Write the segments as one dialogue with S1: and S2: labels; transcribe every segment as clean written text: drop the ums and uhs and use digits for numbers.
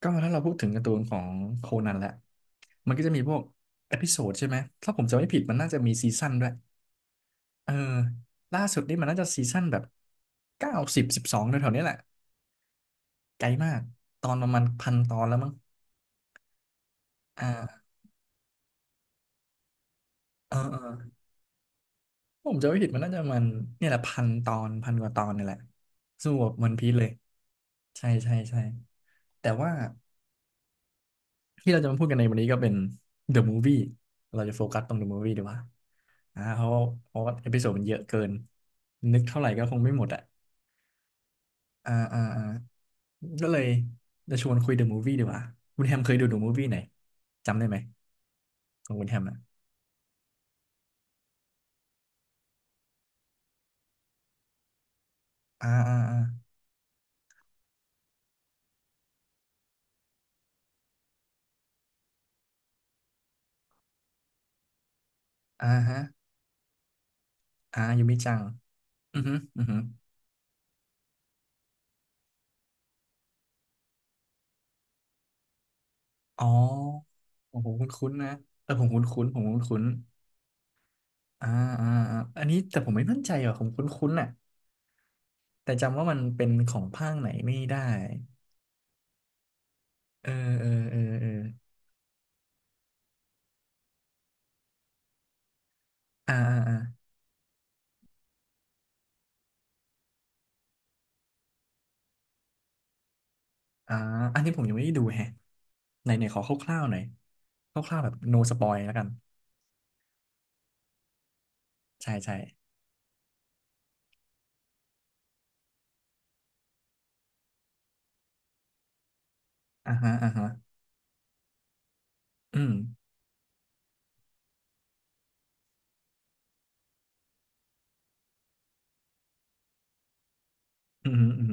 S1: ก็ถ้าเราพูดถึงการ์ตูนของโคนันแหละมันก็จะมีพวกเอพิโซดใช่ไหม ถ้าผมจำไม่ผิดมันน่าจะมีซีซั่นด้วย เออ ล่าสุดนี่มันน่าจะซีซั่นแบบเก้าสิบสิบสองแถวๆนี้แหละ ไกลมาก ตอนประมาณพันตอนแล้วมั้งอ่าเออเออผมจำไม่ผิดมันน่าจะเนี่ยแหละพันตอนพันกว่าตอนนี่แหละ สู้กับวันพีซเลย ใช่ใช่ใช่แต่ว่า ที่เราจะมาพูดกันในวันนี้ก็เป็น The Movie เราจะโฟกัสตรง The Movie ดีกว่าอ่าเพราะว่าเอพิโซดมันเยอะเกินนึกเท่าไหร่ก็คงไม่หมดอ่ะอ่าอ่าอ่าก็เลยจะชวนคุย The Movie ดีกว่าคุณแฮมเคยดู The Movie ไหนจำได้ไหมของคุณแฮมอ่ะอ่าอ่าอ่าอ่าฮะอ่ายูมิจังอือฮึอือฮึอ๋อโอ้โหคุ้นคุ้นนะเออผมคุ้นคุ้นผมคุ้นคุ้นอ่าอ่าอ่าอันนี้แต่ผมไม่มั่นใจอ่ะผมคุ้นคุ้นอ่ะ แต่จำว่ามันเป็นของภาคไหนไม่ได้เออเออเออเอออ่าอ่าอ่าอ่าอันนี้ผมยังไม่ได้ดูแฮะไหนไหนขอคร่าวๆหน่อยคร่าวๆแบบ no spoil แล้วกันใช่ใช่อ่าฮะอ่าฮะอืมอืมอืม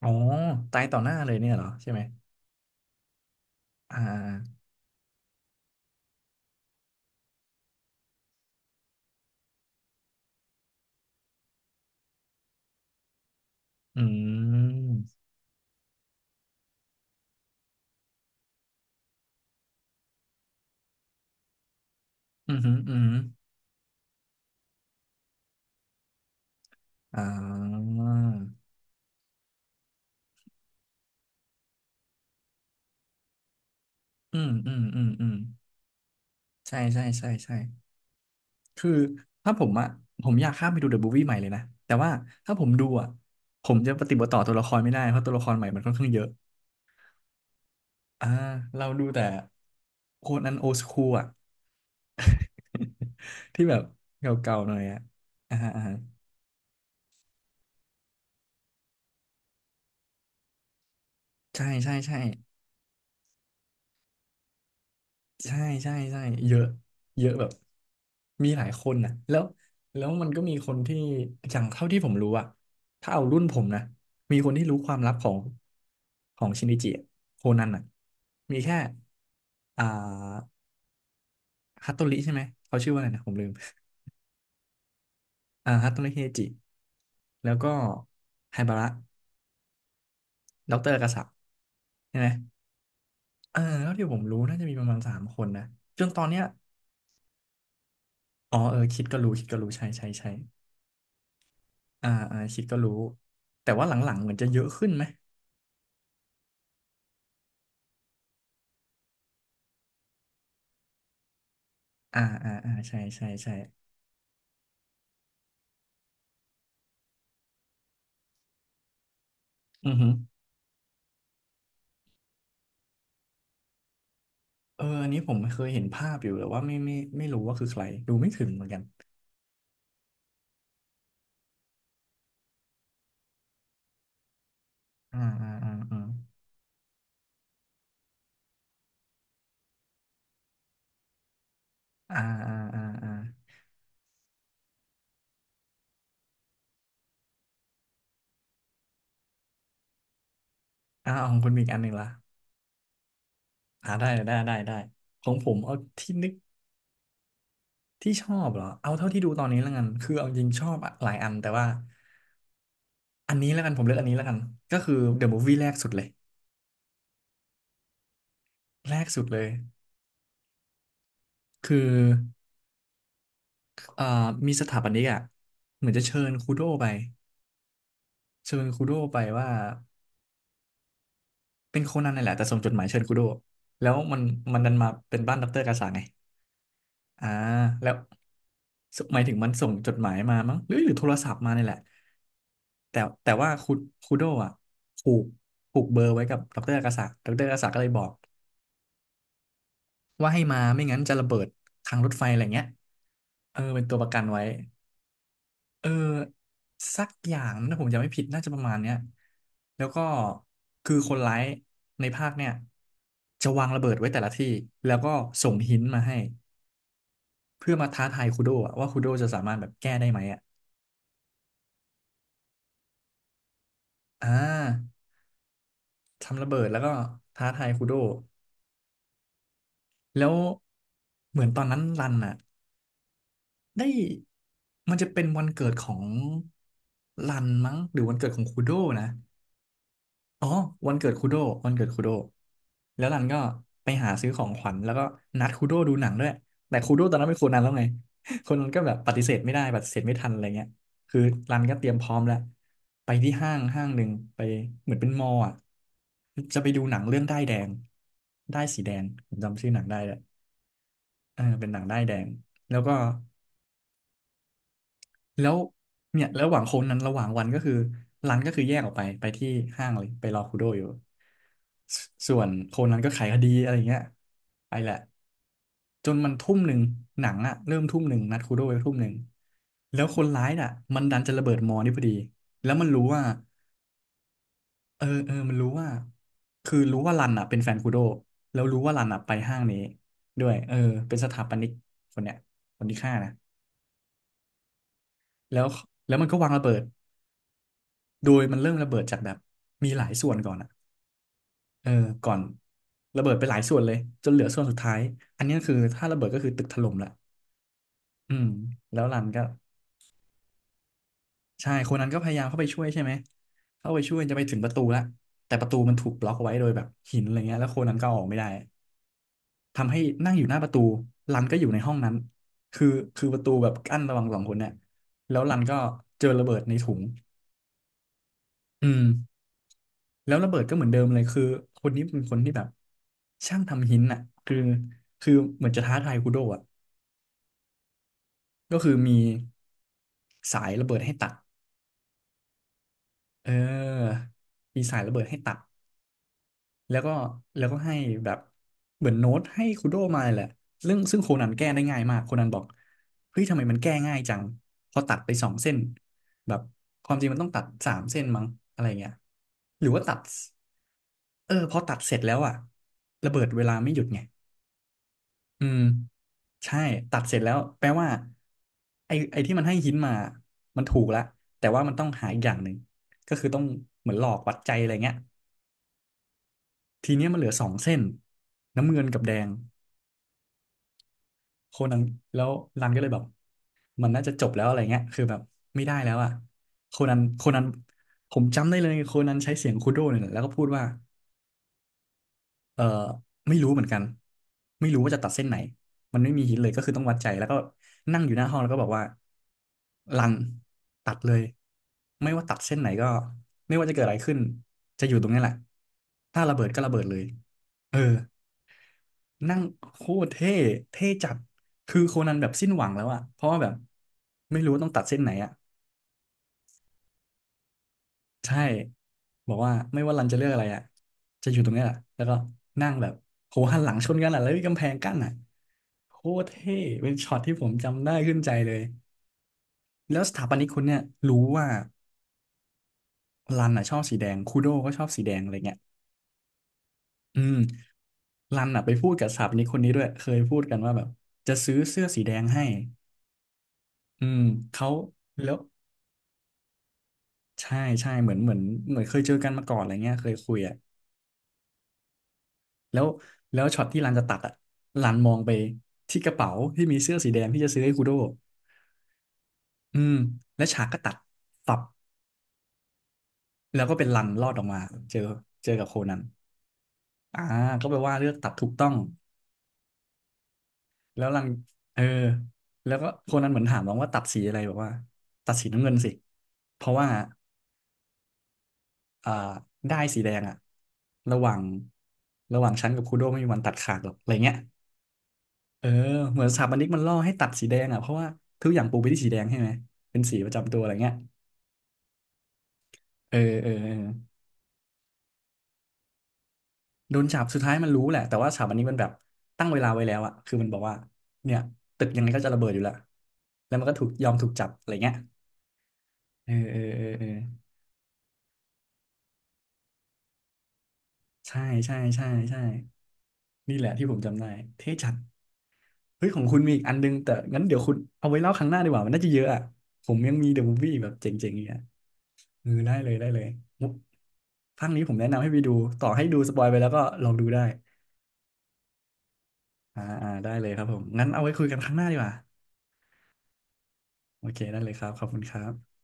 S1: อ๋อตายต่อหน้าเลยเนี่ยเหรอใช่ไหมอ่าอืมอืมอืมอมอ่าอืมอืมอืมอืมใช่ใช่ใช่ใช่ คือถ้าผมอะผมอยากข้ามไปดูเดอะบู i วี่ใหม่เลยนะแต่ว่าถ้าผมดูอะผมจะปฏิบัติต่อตัวละครไม่ได้เพราะตัวละครใหม่มันค่อนข้างเยอะอ่าเราดูแต่โคนันโอสคูลอะ ที่แบบเก่าๆหน่อยอะอ่าฮะอ่าฮะใช่ใช่ใช่ ใช่ใช่ใช่เยอะเยอะแบบมีหลายคนนะแล้วแล้วมันก็มีคนที่อย่างเท่าที่ผมรู้อะถ้าเอารุ่นผมนะมีคนที่รู้ความลับของชินิจิอะโคนันอะมีแค่อ่าฮัตโตริใช่ไหมเขาชื่อว่าอะไรนะผมลืมอ่าฮัตโตริเฮจิแล้วก็ไฮบาระด็อกเตอร์กษัตริย์ใช่ไหมเออเท่าที่ผมรู้น่าจะมีประมาณ3 คนนะจนตอนเนี้ยอ๋อเออคิดก็รู้คิดก็รู้ใช่ใช่ใช่ อ่าอ่าคิดก็รู้แต่ว่าหลังๆเหมือนจะเยอะขึ้นไหมอ่าอ่าอ่าใช่ใช่ใช่อือฮึเอออันนี้ผมเคยเห็นภาพอยู่แต่ว่าไม่ไม่ไม่รู้ว่าคือใครดูไม่ถึงเหมือนกันอ่าอ่าอ่าอ่าอ่าอ่าอ่าอ่าอ่าเอาของคุณมีอีกอันหนึ่งละอ่าได้ได้ได้ได้ของผมเอาที่นึกที่ชอบเหรอเอาเท่าที่ดูตอนนี้แล้วกันคือเอาจริงชอบหลายอันแต่ว่าอันนี้แล้วกันผมเลือกอันนี้แล้วกันก็คือ The Movie แรกสุดเลยแรกสุดเลยคือ เอ่อมีสถาปนิกอ่ะเหมือนจะเชิญคูโดไปเชิญคูโดไปว่าเป็นโคนันนี่นแหละแต่ส่งจดหมายเชิญคูโดแล้วมันมันดันมาเป็นบ้านดอกเตอร์กาสาไงอ่าแล้วสหมายถึงมันส่งจดหมายมามั้งหรือโทรศัพท์มาเนี่ยแหละแต่แต่ว่าคูโดอ่ะผูกผูกเบอร์ไว้กับดอกเตอร์กาสาดอกเตอร์กาสาก็เลยบอกว่าให้มาไม่งั้นจะระเบิดทางรถไฟอะไรเงี้ยเออเป็นตัวประกันไว้ เออสักอย่างถ้าผมจำไม่ผิดน่าจะประมาณเนี้ยแล้วก็คือคนร้ายในภาคเนี่ยจะวางระเบิดไว้แต่ละที่แล้วก็ส่งหินมาให้เพื่อมาท้าทายคูโดะว่าคูโดจะสามารถแบบแก้ได้ไหมอ่ะอ่าทำระเบิดแล้วก็ท้าทายคูโดแล้วเหมือนตอนนั้นรันอ่ะได้มันจะเป็นวันเกิดของรันมั้งหรือวันเกิดของคูโดนะ อ๋อวันเกิดคุโดวันเกิดคุโดแล้วรันก็ไปหาซื้อของขวัญแล้วก็นัดคุโดดูหนังด้วยแต่คุโดตอนนั้นเป็นโคนนั้นแล้วไง โคนนั้นก็แบบปฏิเสธไม่ได้ปฏิเสธไม่ทันอะไรเงี้ยคือรันก็เตรียมพร้อมแล้วไปที่ห้างห้างหนึ่งไปเหมือนเป็นมอลล์อ่ะจะไปดูหนังเรื่องด้ายแดงด้ายสีแดงผมจำชื่อหนังได้เลยเออเป็นหนังด้ายแดงแล้วก็ แล้วเนี่ยแล้วระหว่างโค้งนั้นระหว่างวันก็คือรันก็คือแยกออกไปไปที่ห้างเลยไปรอคูโดอยู่สส่วนโคนนั้นก็ไขายคดีอะไรเงี้ยไปแหละจนมันทุ่มหนึ่งหนังอะเริ่มทุ่มหนึ่งนัดคูโดไว้ทุ่มหนึ่งแล้วคนร้ายน่ะมันดันจะระเบิดมอนี่พอดีแล้วมันรู้ว่าเออมันรู้ว่าคือรู้ว่ารันอะเป็นแฟนคูโดแล้วรู้ว่ารันอะไปห้างนี้ด้วยเออเป็นสถาปนิกคนเนี้ยคนที่ฆ่านะแล้วแล้วมันก็วางระเบิด โดยมันเริ่มระเบิดจากแบบมีหลายส่วนก่อนอะเออก่อนระเบิดไปหลายส่วนเลยจนเหลือส่วนสุดท้าย อันนี้คือถ้าระเบิดก็คือตึกถล่มละอืมแล้วรันก็ใช่คนนั้นก็พยายามเข้าไปช่วยใช่ไหม เข้าไปช่วยจะไปถึงประตูละแต่ประตูมันถูกบล็อกเอาไว้โดยแบบหินอะไรเงี้ยแล้วคนนั้นก็อออกไม่ได้ทำให้นั่งอยู่หน้าประตู รันก็อยู่ในห้องนั้นคือคือประตูแบบกั้นระหว่างสองคนเนี่ยแล้วรันก็เจอระเบิดในถุงอืม แล้วระเบิดก็เหมือนเดิมเลยคือคนนี้เป็นคนที่แบบช่างทำหินอ่ะคือคือเหมือนจะท้าทายคุโดะอ่ะก็คือมีสายระเบิดให้ตัดเออมีสายระเบิดให้ตัดแล้วก็แล้วก็ให้แบบเหมือนโน้ตให้คุโดะมาแหละเรื่องซึ่งโคนันแก้ได้ง่ายมากโคนันบอกเฮ้ยทำไมมันแก้ง่ายจังพอตัดไปสองเส้นแบบความจริงมันต้องตัดสามเส้นมั้งอะไรเงี้ยหรือว่าตัดเออพอตัดเสร็จแล้วอะระเบิดเวลาไม่หยุดไง อืมใช่ตัดเสร็จแล้วแปลว่าไอ้ที่มันให้หินมามันถูกแล้วแต่ว่ามันต้องหาอีกอย่างหนึ่งก็คือต้องเหมือนหลอกวัดใจอะไรเงี้ยทีเนี้ยมันเหลือสองเส้นน้ำเงินกับแดงโคนันแล้วรันก็เลยแบบมันน่าจะจบแล้วอะไรเงี้ยคือแบบไม่ได้แล้วอ่ะโคนันโคนันผมจำได้เลยโคนันใช้เสียงคูโดเนี่ยแหละแล้วก็พูดว่า เออไม่รู้เหมือนกันไม่รู้ว่าจะตัดเส้นไหนมันไม่มีหินเลยก็คือต้องวัดใจแล้วก็นั่งอยู่หน้าห้องแล้วก็บอกว่ารันตัดเลยไม่ว่าตัดเส้นไหนก็ไม่ว่าจะเกิดอะไรขึ้นจะอยู่ตรงนี้แหละถ้าระเบิดก็ระเบิดเลยเออนั่งโคตรเท่เท่จัดคือโคนันแบบสิ้นหวังแล้วอะเพราะว่าแบบไม่รู้ว่าต้องตัดเส้นไหนอะ ใช่บอกว่าไม่ว่ารันจะเลือกอะไรอ่ะจะอยู่ตรงเนี้ยแหละแล้วก็นั่งแบบโหหันหลังชนกันอ่ะแล้วมีกำแพงกั้นอ่ะโคตรเท่เป็นช็อตที่ผมจำได้ขึ้นใจเลยแล้วสถาปนิกคนเนี่ยรู้ว่ารันอ่ะชอบสีแดงคูโดก็ชอบสีแดงอะไรเงี้ยอืมรันอ่ะไปพูดกับสถาปนิกคนนี้ด้วยเคยพูดกันว่าแบบจะซื้อเสื้อสีแดงให้อืมเขาแล้วใช่ใช่เหมือนเคยเจอกันมาก่อนอะไรเงี้ยเคยคุยอ่ะ แล้วแล้วช็อตที่รันจะตัดอ่ะรันมองไปที่กระเป๋าที่มีเสื้อสีแดงที่จะซื้อให้คูโดอืมและฉากก็ตัดตับแล้วก็เป็นรันรอดออกมาเจอเจอกับโคนันอ่าก็แปลว่าเลือกตัดถูกต้องแล้วรันเออแล้วก็โคนันเหมือนถามน้องว่าตัดสีอะไรบอกว่าตัดสีน้ำเงินสิเพราะว่าอ่าได้สีแดงอะระหว่างระหว่างฉันกับคูโดไม่มีวันตัดขาดหรอกอะไรเงี้ย เออเหมือนสถาปนิกมันล่อให้ตัดสีแดงอ่ะเพราะว่าทุกอย่างปูไปที่สีแดงใช่ไหมเป็นสีประจำตัวอะไรเงี้ยเออเออเออโดนจับสุดท้ายมันรู้แหละแต่ว่าสถาปนิกมันแบบตั้งเวลาไว้แล้วอ่ะคือมันบอกว่าเนี่ยตึกยังไงก็จะระเบิดอยู่แล้วแล้วมันก็ถูกยอมถูกจับอะไรเงี้ยเออเออเออเออใช่ใช่ใช่ใช่นี่แหละที่ผมจำได้เท่จัดเฮ้ยของคุณมีอีกอันนึงแต่งั้นเดี๋ยวคุณเอาไว้เล่าครั้งหน้าดีกว่ามันน่าจะเยอะอ่ะผมยังมีเดอะมูฟวี่แบบเจ๋งๆอีกอ่ะ เออได้เลยมุกภาคนี้ผมแนะนำให้ไปดูต่อให้ดูสปอยไปแล้วก็ลองดูได้อ่าได้เลยครับผม งั้นเอาไว้คุยกันครั้งหน้าดีกว่าโอเคได้เลยครับ ขอบคุณครับ